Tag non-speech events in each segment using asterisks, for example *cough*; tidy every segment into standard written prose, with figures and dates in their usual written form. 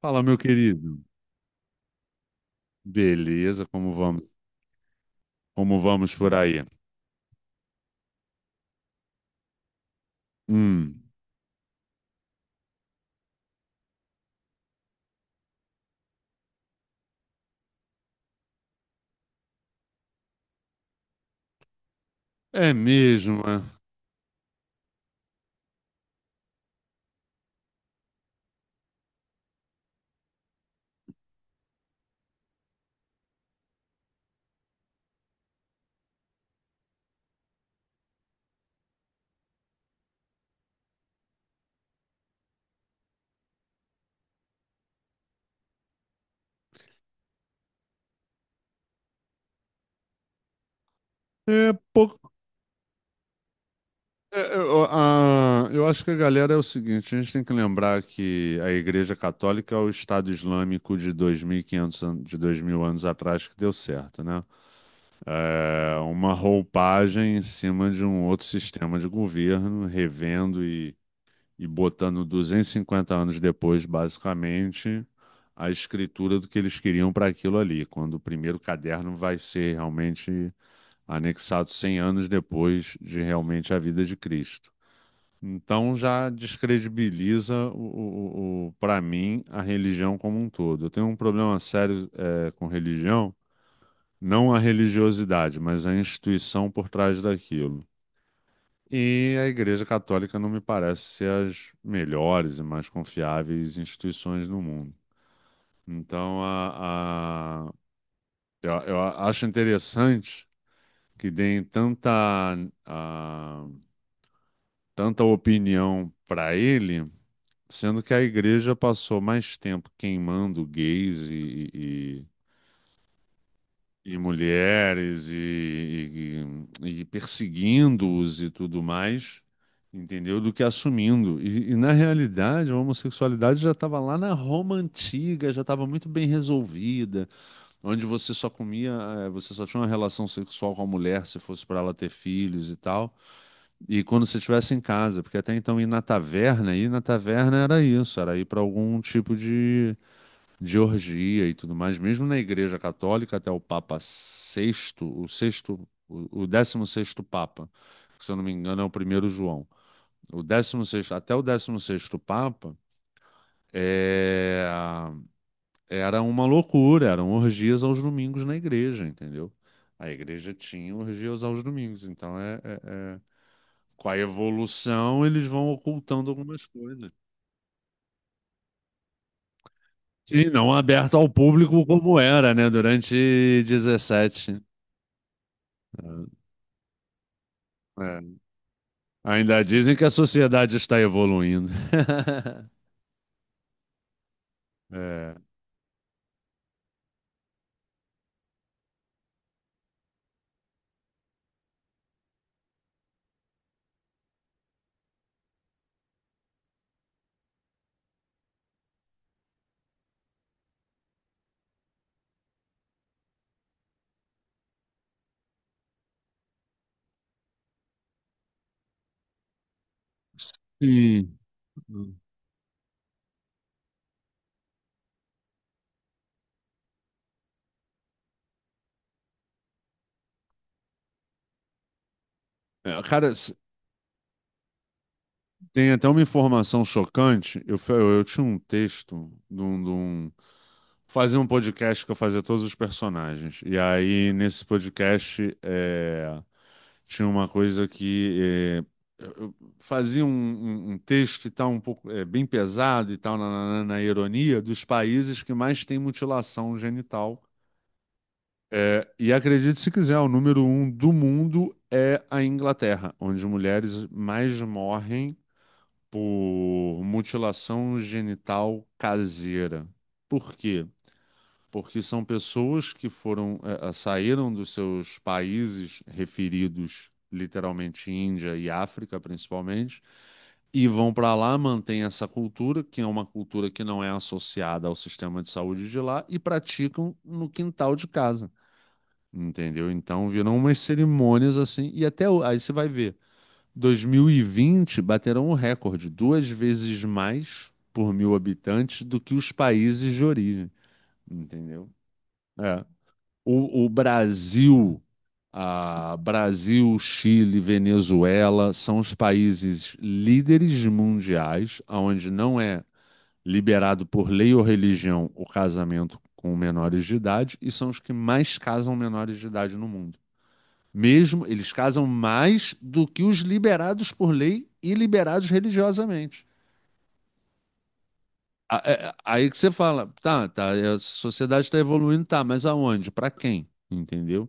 Fala, meu querido. Beleza, como vamos? Como vamos por aí? Hum. É mesmo, é. É pouco. Ó, eu acho que a galera é o seguinte: a gente tem que lembrar que a Igreja Católica é o Estado Islâmico de 2.000 anos atrás que deu certo, né? É uma roupagem em cima de um outro sistema de governo, revendo e botando 250 anos depois, basicamente, a escritura do que eles queriam para aquilo ali, quando o primeiro caderno vai ser realmente anexado 100 anos depois de realmente a vida de Cristo. Então já descredibiliza o, para mim, a religião como um todo. Eu tenho um problema sério com religião, não a religiosidade, mas a instituição por trás daquilo. E a Igreja Católica não me parece ser as melhores e mais confiáveis instituições no mundo. Então, eu acho interessante que deem a- tanta opinião para ele, sendo que a Igreja passou mais tempo queimando gays e mulheres e perseguindo-os e tudo mais, entendeu? Do que assumindo. E, na realidade, a homossexualidade já estava lá na Roma antiga, já estava muito bem resolvida, onde você só comia, você só tinha uma relação sexual com a mulher se fosse para ela ter filhos e tal. E quando você estivesse em casa, porque até então ir na taverna era isso, era ir para algum tipo de orgia e tudo mais, mesmo na Igreja Católica, até o Papa sexto, o sexto, o décimo sexto Papa, que se eu não me engano é o primeiro João, o décimo sexto, até o décimo sexto Papa, é, era uma loucura, eram orgias aos domingos na igreja, entendeu? A igreja tinha orgias aos domingos, então é- com a evolução eles vão ocultando algumas coisas. E não aberto ao público como era, né, durante 17. Ainda dizem que a sociedade está evoluindo. *laughs* É. Sim. É, cara, tem até uma informação chocante. Eu tinha um texto. Fazia um podcast que eu fazia todos os personagens. E aí, nesse podcast, tinha uma coisa que... é, eu eu fazia um texto e tal, um pouco bem pesado e tal, na ironia, dos países que mais têm mutilação genital. É, e acredite se quiser, o número um do mundo é a Inglaterra, onde mulheres mais morrem por mutilação genital caseira. Por quê? Porque são pessoas que saíram dos seus países referidos, literalmente Índia e África, principalmente, e vão para lá, mantêm essa cultura, que é uma cultura que não é associada ao sistema de saúde de lá, e praticam no quintal de casa. Entendeu? Então viram umas cerimônias assim, e até aí você vai ver, 2020 bateram o recorde, duas vezes mais por mil habitantes do que os países de origem, entendeu? É. O Brasil, Chile, Venezuela são os países líderes mundiais, onde não é liberado por lei ou religião o casamento com menores de idade, e são os que mais casam menores de idade no mundo. Mesmo eles casam mais do que os liberados por lei e liberados religiosamente. Aí que você fala, tá, tá, a sociedade está evoluindo, tá, mas aonde? Para quem? Entendeu?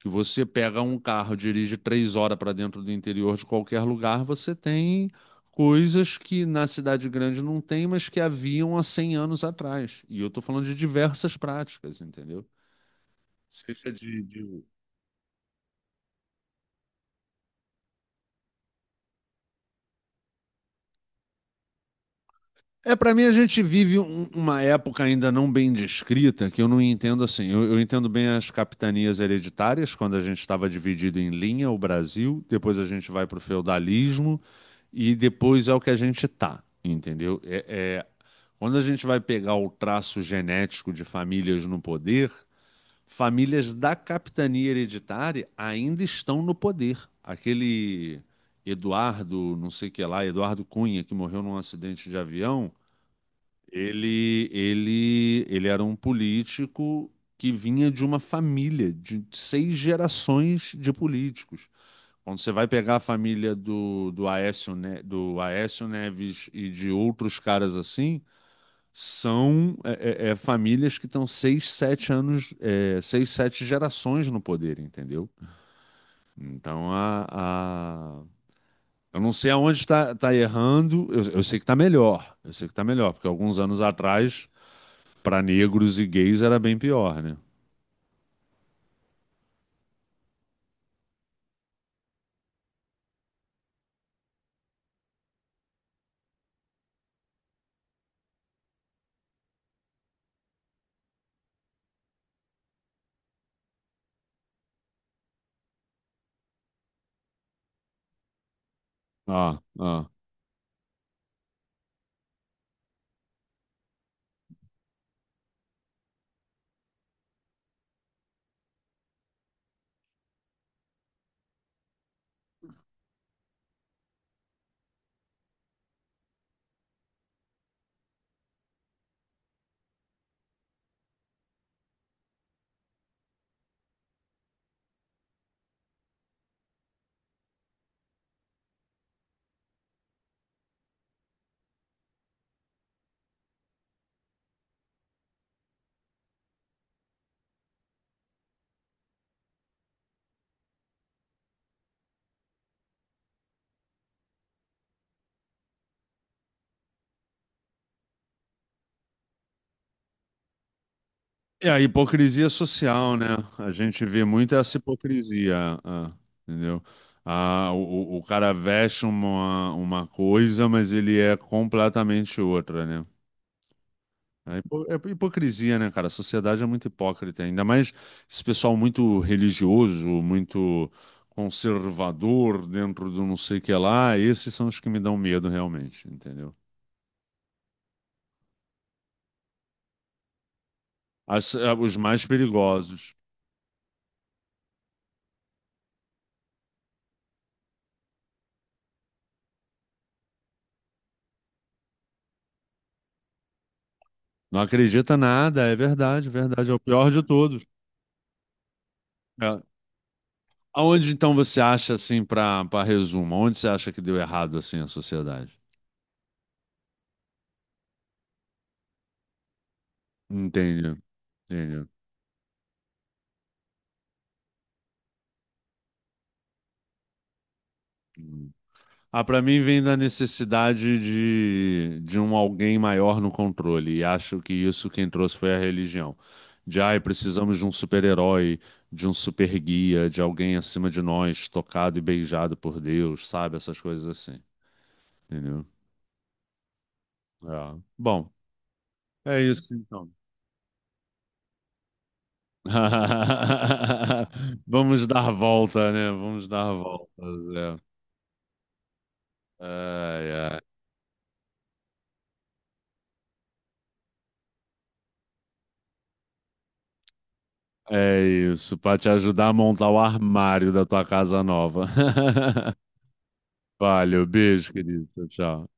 Que você pega um carro, dirige 3 horas para dentro do interior de qualquer lugar, você tem coisas que na cidade grande não tem, mas que haviam há 100 anos atrás. E eu estou falando de diversas práticas, entendeu? Seja de É, para mim a gente vive uma época ainda não bem descrita, que eu não entendo assim. Eu entendo bem as capitanias hereditárias, quando a gente estava dividido em linha, o Brasil, depois a gente vai para o feudalismo e depois é o que a gente tá, entendeu? Quando a gente vai pegar o traço genético de famílias no poder, famílias da capitania hereditária ainda estão no poder. Aquele Eduardo, não sei o que lá, Eduardo Cunha, que morreu num acidente de avião , ele era um político que vinha de uma família de seis gerações de políticos. Quando você vai pegar a família do Aécio Neves e de outros caras assim, são famílias que estão seis, sete gerações no poder, entendeu? Então a- eu não sei aonde está tá errando, eu sei que está melhor, eu sei que está melhor, porque alguns anos atrás para negros e gays era bem pior, né? Ah, ah. E a hipocrisia social, né? A gente vê muito essa hipocrisia, entendeu? Ah, o cara veste uma coisa, mas ele é completamente outra, né? É hipocrisia, né, cara? A sociedade é muito hipócrita, ainda mais esse pessoal muito religioso, muito conservador dentro do não sei o que lá. Esses são os que me dão medo, realmente, entendeu? Os mais perigosos. Não acredita nada, é verdade, verdade, é o pior de todos. É. Aonde então você acha assim para resumo? Onde você acha que deu errado assim a sociedade? Entendi, entendi. Hum. Ah, para mim vem da necessidade de um alguém maior no controle e acho que isso quem trouxe foi a religião. De ai, precisamos de um super-herói, de um super guia, de alguém acima de nós, tocado e beijado por Deus, sabe? Essas coisas assim, entendeu? É. Bom, é isso então. *laughs* Vamos dar volta, né? Vamos dar voltas, é. Ai, ai. É isso, para te ajudar a montar o armário da tua casa nova. *laughs* Valeu, beijo, querido. Tchau, tchau.